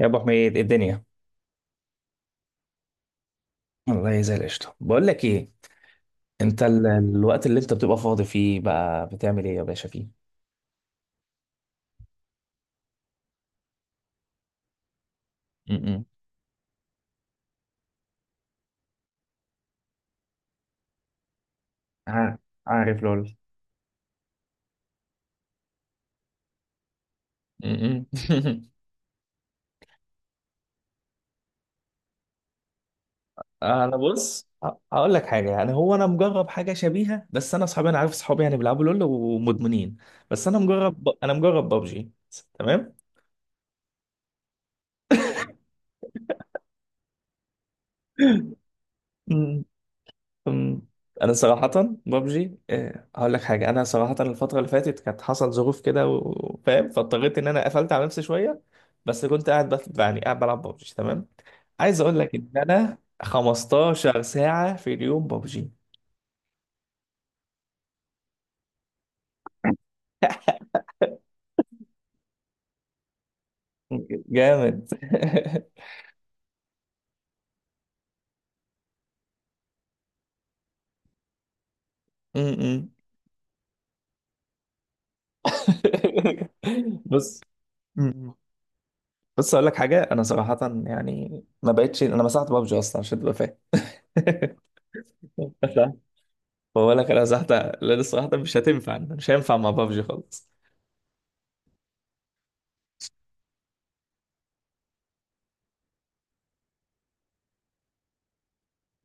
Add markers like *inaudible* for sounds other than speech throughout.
يا ابو حميد، إيه الدنيا؟ والله زي القشطه. بقول لك ايه، انت الوقت اللي انت بتبقى فاضي فيه بقى بتعمل ايه يا باشا فيه؟ م-م. ع- عارف لول. م-م. *laughs* انا بص، اقول لك حاجه، يعني هو انا مجرب حاجه شبيهه، بس انا اصحابي، انا عارف اصحابي يعني بيلعبوا لول ومدمنين، بس انا مجرب، ببجي. تمام. أم، انا صراحه ببجي، أه هقول لك حاجه. انا صراحه الفتره اللي فاتت كانت حصل ظروف كده وفاهم، فاضطريت ان انا قفلت على نفسي شويه، بس كنت قاعد يعني قاعد بلعب ببجي. تمام. عايز اقول لك ان انا 15 ساعه في اليوم ببجي. جامد. *laughs* م- م. *laughs* بص. م- م. بص، اقول لك حاجه انا صراحه، يعني ما بقتش، انا مسحت ببجي اصلا عشان تبقى فاهم. *laughs* بقول لك انا زهقت، لا لسه واحده، مش هتنفع، مش هينفع مع بابجي خالص.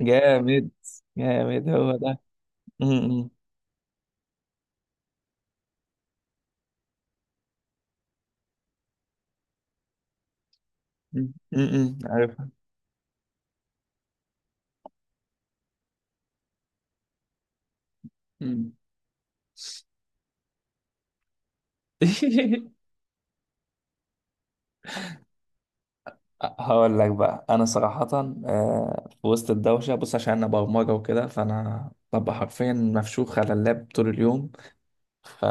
جامد جامد، هو ده. م- م- م- عارفها. م. *laughs* هقول لك بقى انا صراحه، في وسط الدوشه بص، عشان انا برمجه وكده، فانا ببقى حرفيا مفشوخ على اللاب طول اليوم. ف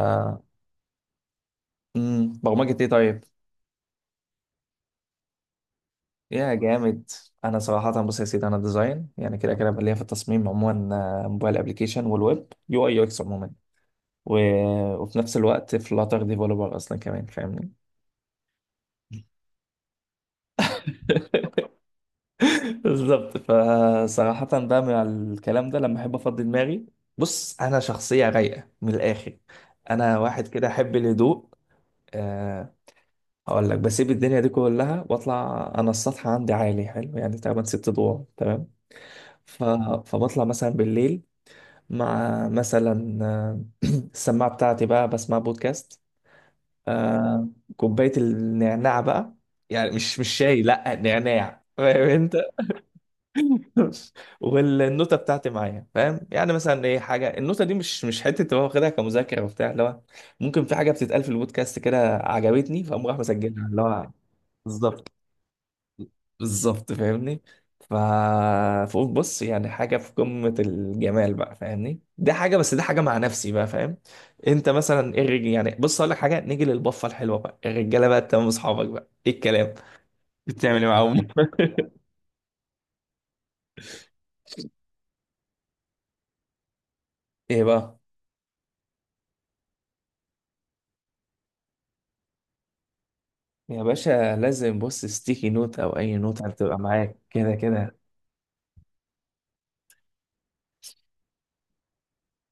برمجه ايه طيب؟ يا جامد. انا صراحه بص يا سيدي، انا ديزاين، يعني كده كده بقى ليا في التصميم عموما، موبايل ابلكيشن والويب، يو اي يو اكس عموما، و... وفي نفس الوقت فلاتر ديفلوبر اصلا كمان، فاهمني؟ *laughs* بالظبط. فصراحة بقى مع الكلام ده لما احب افضي دماغي، بص انا شخصية رايقة من الاخر، انا واحد كده احب الهدوء. أه هقول لك، بسيب الدنيا دي كلها واطلع انا السطح، عندي عالي حلو يعني، تقريبا 6 ادوار. تمام. ف... فبطلع مثلا بالليل مع مثلا السماعة بتاعتي، بقى بسمع بودكاست، آه، كوباية النعناع بقى، يعني مش شاي، لا نعناع، فاهم انت؟ *laughs* والنوتة بتاعتي معايا، فاهم؟ يعني مثلا ايه حاجة النوتة دي، مش حتة، تبقى واخدها كمذاكرة وبتاع، اللي هو ممكن في حاجة بتتقال في البودكاست كده عجبتني، فاقوم راح مسجلها، اللي هو بالظبط. بالظبط فاهمني؟ ف فقلت بص، يعني حاجه في قمه الجمال بقى فاهمني، دي حاجه، بس دي حاجه مع نفسي بقى فاهم. انت مثلا ايه يعني بص اقول لك حاجه، نيجي للبفه الحلوه بقى، الرجاله بقى تمام، اصحابك بقى ايه الكلام، بتعمل ايه معاهم؟ *laughs* ايه بقى؟ يا باشا لازم، بص ستيكي نوت او اي نوت هتبقى معاك كده كده.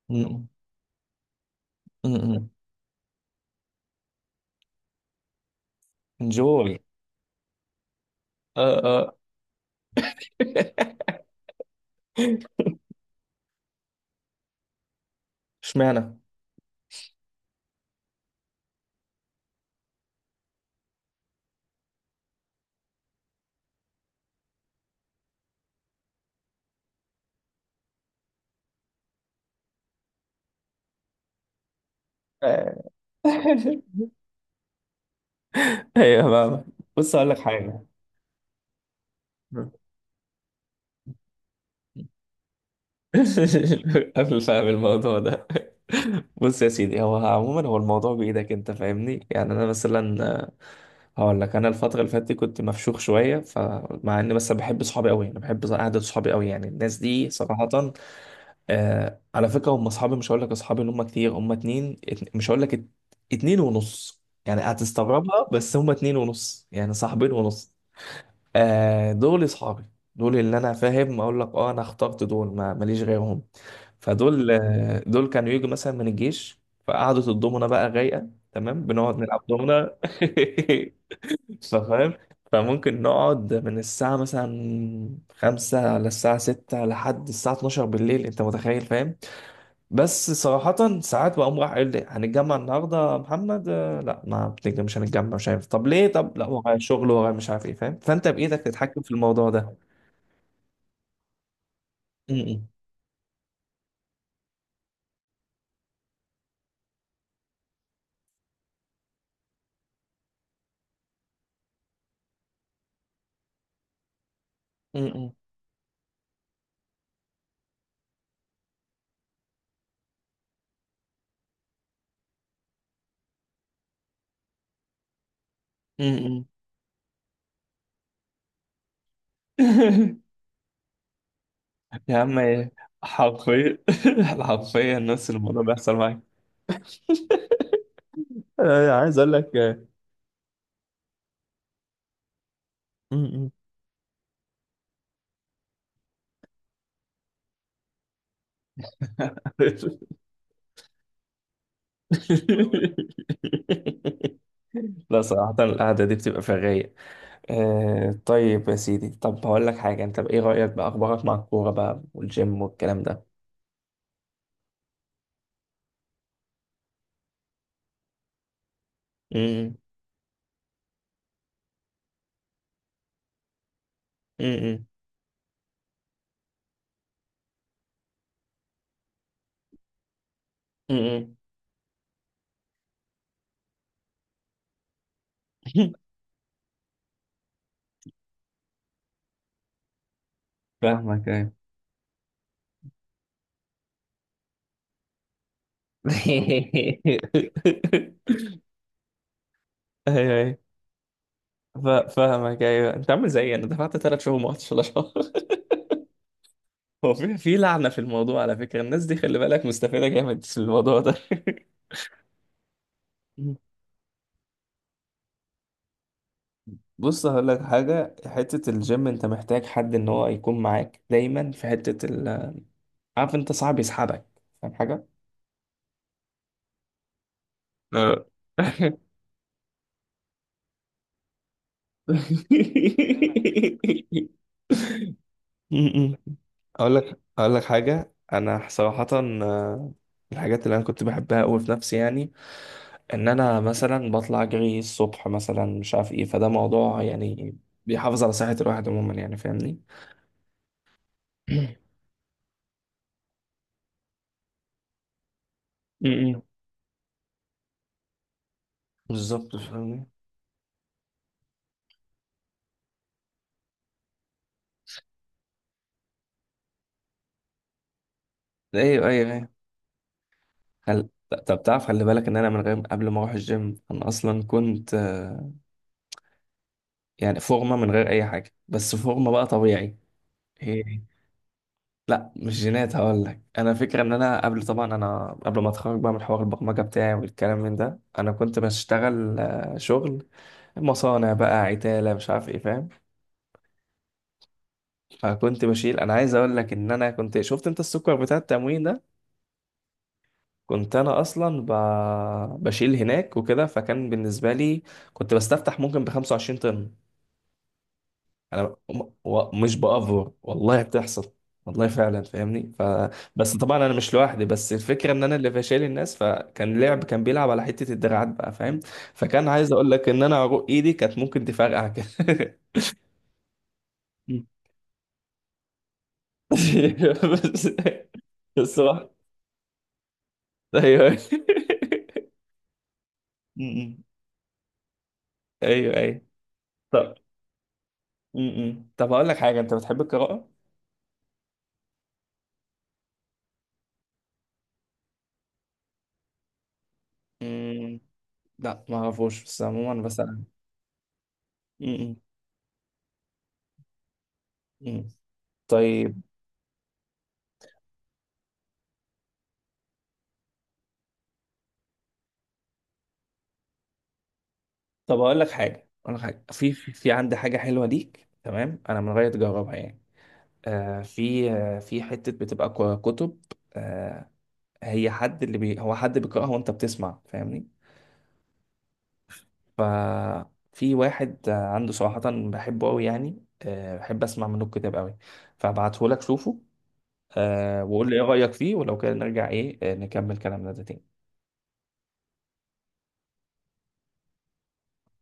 م- م. انجوي. اه اه. اشمعنى؟ آه. *laughs* ايوه بقى، بص اقول لك حاجه. *laughs* قبل، فاهم الموضوع ده، بص يا سيدي، هو عموما هو الموضوع بإيدك انت، فاهمني؟ يعني انا مثلا، هقول لك انا الفترة اللي فاتت دي كنت مفشوخ شوية، فمع اني مثلا بحب صحابي قوي، انا بحب قعدة صحابي قوي، يعني الناس دي صراحة، آه على فكرة هم اصحابي، مش هقول لك اصحابي اللي هم كتير، هم اتنين مش هقول لك ات- اتنين ونص، يعني هتستغربها بس هم اتنين ونص، يعني صاحبين ونص. آه دول اصحابي، دول اللي انا فاهم اقول لك، اه انا اخترت دول، ما ماليش غيرهم. فدول دول كانوا يجوا مثلا من الجيش، فقعدة الضمنة بقى رايقة، تمام، بنقعد نلعب ضمنة. *laughs* فاهم؟ فممكن نقعد من الساعة مثلا خمسة على الساعة ستة لحد الساعة 12 بالليل، انت متخيل فاهم؟ بس صراحة ساعات بقوم راح قايل لي هنتجمع النهاردة يا محمد، لا ما بتنجم، مش هنتجمع، مش عارف، طب ليه، طب لا ورايا شغل، ورايا مش عارف ايه، فاهم؟ فانت بإيدك تتحكم في الموضوع ده. م-م. م-م. م-م. *laughs* يا عم ايه، حرفيا. *laughs* حرفيا نفس الموضوع بيحصل معايا، عايز اقول لك، آه. م-م. *laughs* لا صراحة القعدة دي بتبقى في الرايق. آه، طيب يا سيدي، طب هقول لك حاجة، انت بإيه رأيك بأخبارك مع الكورة بقى والجيم والكلام ده؟ امم امم امم *laughs* فاهمك، ايوه. *laughs* ايوه ايوه، فاهمك، ايوه، انت عامل زيي، انا دفعت 3 شهور، ما رحتش ولا شهر. *laughs* هو في لعنة في الموضوع على فكرة، الناس دي خلي بالك مستفيدة جامد في الموضوع ده. *laughs* بص هقول لك حاجة، حتة الجيم انت محتاج حد ان هو يكون معاك دايما في حتة ال، عارف، انت صعب يسحبك، فاهم حاجة؟ آه. *laughs* م- م. اقول لك، اقول لك حاجه انا صراحه الحاجات اللي انا كنت بحبها قوي في نفسي، يعني ان انا مثلا بطلع اجري الصبح مثلا، مش عارف ايه، فده موضوع يعني بيحافظ على صحه الواحد عموما يعني، فاهمني؟ *coughs* *clears throat* م- م. بالظبط فاهمني. ايوه ايوه ايوه. خل... طب تعرف، خلي بالك ان انا من غير، قبل ما اروح الجيم، انا اصلا كنت يعني فورمه من غير اي حاجه، بس فورمه بقى طبيعي. لا مش جينات، هقول لك انا فكره، ان انا قبل، طبعا انا قبل ما اتخرج بقى من حوار البرمجه بتاعي والكلام من ده، انا كنت بشتغل شغل مصانع بقى، عتاله، مش عارف ايه، فاهم؟ فكنت بشيل، انا عايز اقول لك ان انا كنت شفت انت السكر بتاع التموين ده، كنت انا اصلا بشيل هناك وكده، فكان بالنسبه لي، كنت بستفتح ممكن ب 25 طن. انا مش بافور، والله بتحصل، والله فعلا، فاهمني؟ بس طبعا انا مش لوحدي، بس الفكره ان انا اللي فشال الناس، فكان لعب، كان بيلعب على حته الدراعات بقى فاهم؟ فكان عايز اقول لك ان انا عروق ايدي كانت ممكن تفرقع كده. *laughs* بس الصراحه، ايوه. م-م. ايوه ايوه. طب. م-م. طب اقول لك حاجه، انت بتحب القراءه؟ م، لا ما اعرفوش، بس عموما، بس انا. م-م. م. طيب. طب اقول لك حاجه، في عندي حاجه حلوه ليك، تمام، انا من غير تجربها يعني، آه في، آه في حته بتبقى كتب، آه، هي حد اللي بي هو حد بيقراها وانت بتسمع فاهمني؟ ففي واحد عنده صراحه، بحبه قوي يعني، آه بحب اسمع منه الكتاب قوي، فابعته لك شوفه، آه، وقول لي ايه رايك فيه، ولو كده نرجع ايه، نكمل كلامنا ده تاني.